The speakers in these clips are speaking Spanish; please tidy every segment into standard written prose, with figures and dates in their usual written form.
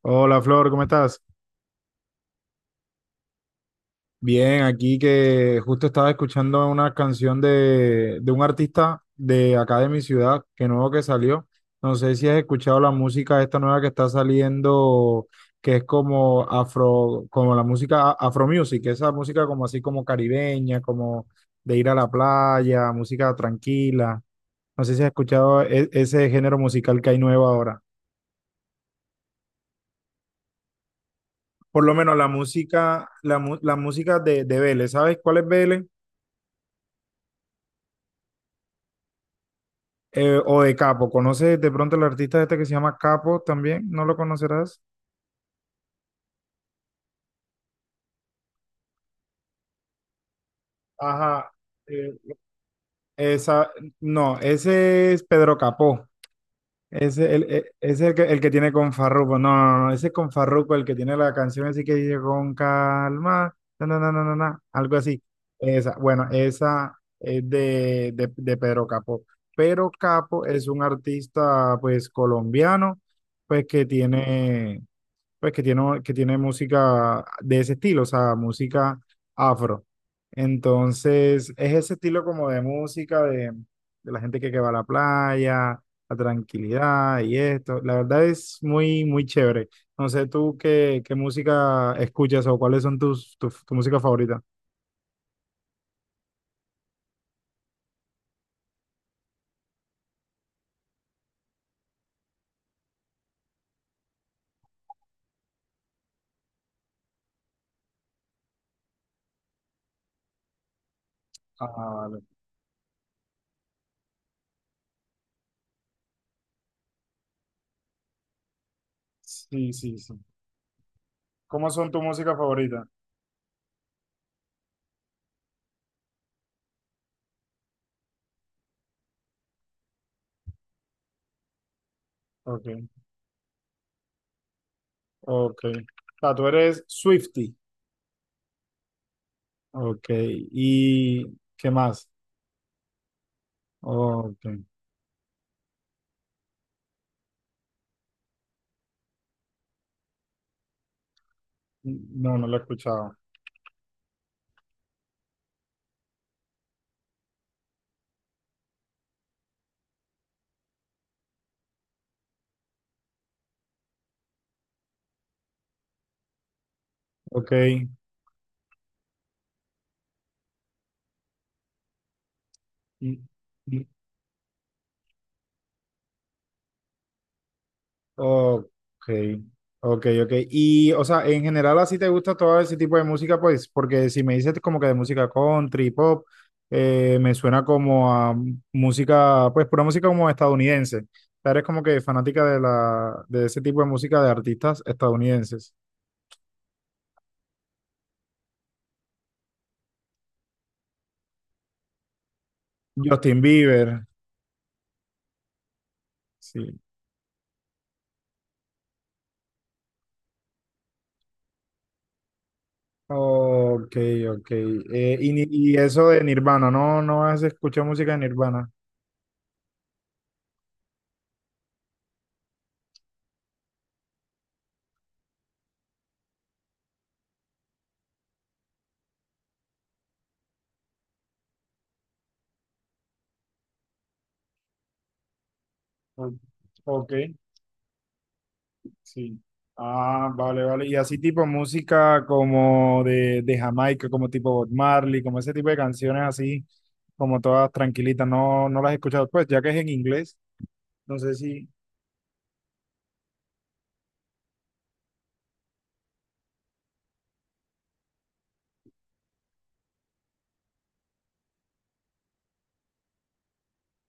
Hola Flor, ¿cómo estás? Bien, aquí que justo estaba escuchando una canción de un artista de acá de mi ciudad, que nuevo que salió. No sé si has escuchado la música esta nueva que está saliendo, que es como afro, como la música afro music, esa música como así como caribeña, como de ir a la playa, música tranquila. No sé si has escuchado ese género musical que hay nuevo ahora. Por lo menos la música, la música de Vélez. ¿Sabes cuál es Vélez? O de Capo, ¿conoces de pronto el artista este que se llama Capo también? ¿No lo conocerás? Ajá, eh, Esa, no, ese es Pedro Capó. Ese es el que tiene con Farruko. No, no, no, ese es con Farruko, el que tiene la canción así que dice con calma, na, na, na, na, na, na", algo así. Esa, bueno, esa es de Pedro Capó. Pedro Capo es un artista, pues, colombiano, pues, que tiene, pues que tiene música de ese estilo, o sea, música afro. Entonces, es ese estilo como de música de la gente que va a la playa, la tranquilidad y esto. La verdad es muy, muy chévere. No sé tú qué, qué música escuchas o cuáles son tu música favorita. Ah, vale. Sí, sí, sí. ¿Cómo son tu música favorita? Ok, ok. O sea, tú eres Swiftie. Ok, ¿y qué más? Ok. No, no lo he escuchado. Ok. Mm, mm. Ok. Ok, ok. Y, o sea, en general así te gusta todo ese tipo de música, pues, porque si me dices como que de música country, pop, me suena como a música, pues, pura música como estadounidense. O sea, eres como que fanática de la, de ese tipo de música de artistas estadounidenses. Justin Bieber, sí. Ok, ok. Y eso de Nirvana, ¿no? ¿No has escuchado música de Nirvana? O- Ok, sí. Ah, vale, vale. Y así tipo música como de Jamaica, como tipo Bob Marley, como ese tipo de canciones así, como todas tranquilitas, no, no las he escuchado. Pues ya que es en inglés, no sé si...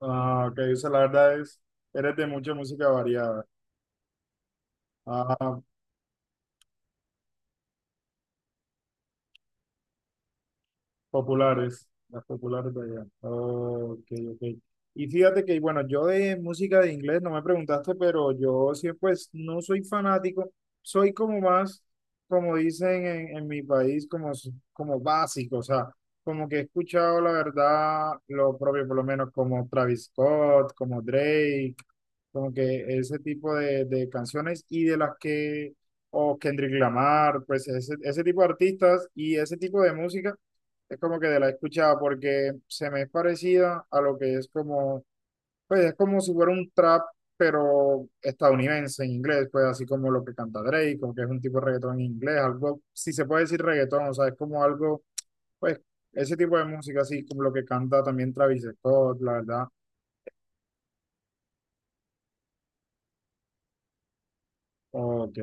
Ah, ok, o sea, la verdad es, eres de mucha música variada. Ah, populares, las populares de allá. Ok, ok. Y fíjate que, bueno, yo de música de inglés no me preguntaste, pero yo sí, pues no soy fanático, soy como más, como dicen en mi país, como, como básico, o sea, como que he escuchado la verdad lo propio, por lo menos como Travis Scott, como Drake, como que ese tipo de canciones y de las que, o Kendrick Lamar, pues ese tipo de artistas y ese tipo de música es como que de la he escuchado porque se me es parecida a lo que es como, pues es como si fuera un trap, pero estadounidense en inglés, pues así como lo que canta Drake, o que es un tipo de reggaetón en inglés, algo, si se puede decir reggaetón, o sea, es como algo, pues ese tipo de música, así como lo que canta también Travis Scott, la verdad. Ok.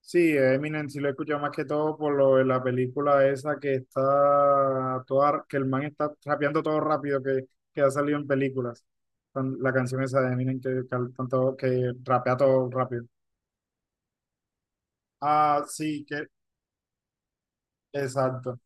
Sí, Eminem sí lo he escuchado más que todo por lo de la película esa que está toda, que el man está rapeando todo rápido que ha salido en películas. La canción esa de Eminem que rapea todo rápido. Ah, sí, que exacto.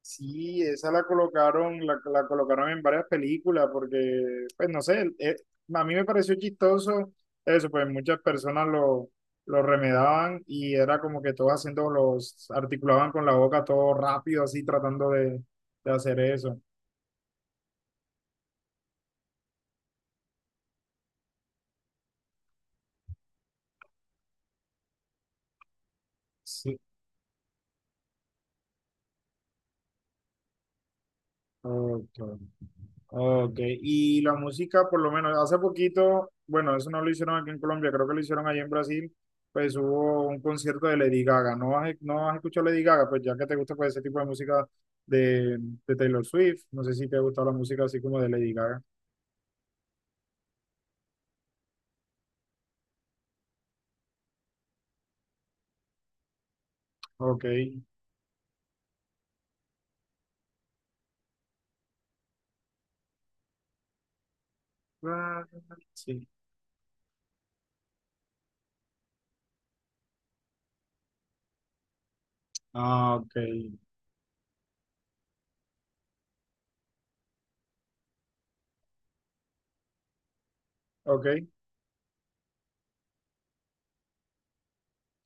Sí, esa la colocaron, la colocaron en varias películas porque, pues no sé, a mí me pareció chistoso eso, pues muchas personas lo remedaban y era como que todos haciendo los, articulaban con la boca todo rápido, así tratando de hacer eso. Sí, ok. Ok, y la música, por lo menos hace poquito, bueno, eso no lo hicieron aquí en Colombia, creo que lo hicieron allá en Brasil, pues hubo un concierto de Lady Gaga. ¿No has, no has escuchado Lady Gaga? Pues ya que te gusta pues, ese tipo de música de, de Taylor Swift, no sé si te ha gustado la música así como de Lady Gaga. Ok, ah, sí, ah, ok, ok,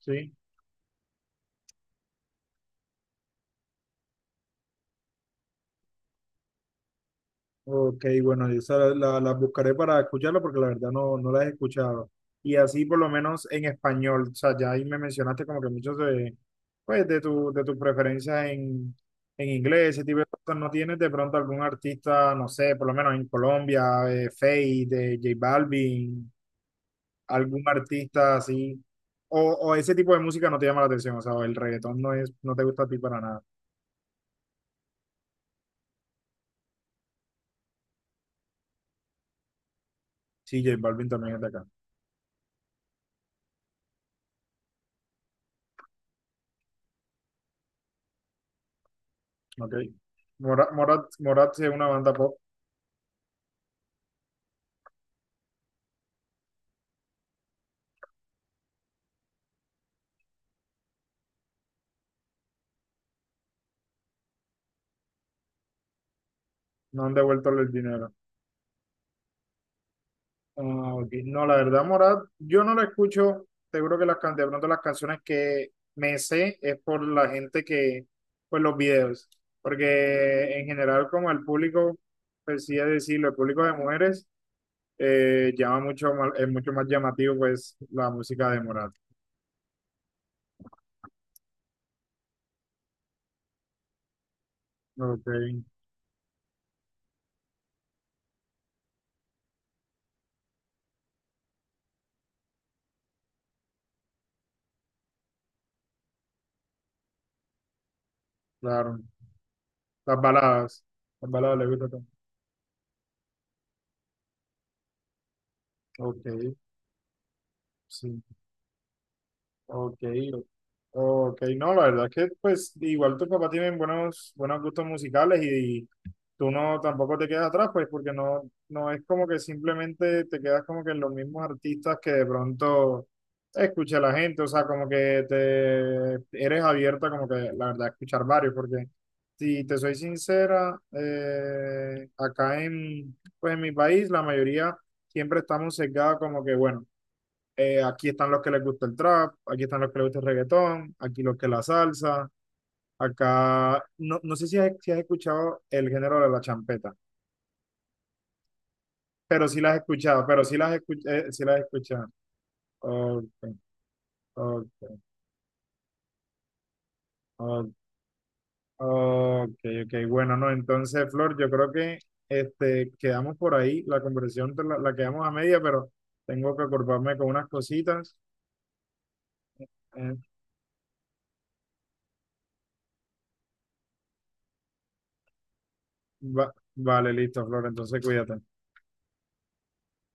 sí. Ok, bueno, yo esa las buscaré para escucharla porque la verdad no, no las he escuchado. Y así por lo menos en español, o sea, ya ahí me mencionaste como que muchos de, pues, de tus preferencias en inglés, ese tipo de cosas. ¿No tienes de pronto algún artista, no sé, por lo menos en Colombia, Feid, de J Balvin, algún artista así? O ese tipo de música no te llama la atención, o sea, el reggaetón no es, no te gusta a ti para nada. Sí, J Balvin también es de acá, ok. Morat sí es una banda pop. No han devuelto el dinero. Ah, ok. No, la verdad, Morat, yo no la escucho. Seguro que las, de pronto las canciones que me sé es por la gente que, pues los videos. Porque en general, como el público, pues sí es decirlo, el público de mujeres llama mucho más, es mucho más llamativo, pues, la música de Morat. Ok, claro. Las baladas. Las baladas le gusta también. Ok, sí. Ok, ok, no, la verdad es que pues igual tus papás tienen buenos, buenos gustos musicales y tú no tampoco te quedas atrás, pues porque no, no es como que simplemente te quedas como que en los mismos artistas que de pronto escucha la gente, o sea, como que te eres abierta como que la verdad a escuchar varios, porque si te soy sincera, pues en mi país la mayoría siempre estamos sesgados como que bueno aquí están los que les gusta el trap, aquí están los que les gusta el reggaetón, aquí los que la salsa, acá, no, no sé si has, si has escuchado el género de la champeta, pero sí las has escuchado, pero sí sí las has escuchado. Ok, ok, ok, ok, ok, bueno, no, entonces, Flor, yo creo que este, quedamos por ahí, la conversación la quedamos a media, pero tengo que ocuparme con unas cositas. eh, vale, listo, Flor, entonces cuídate.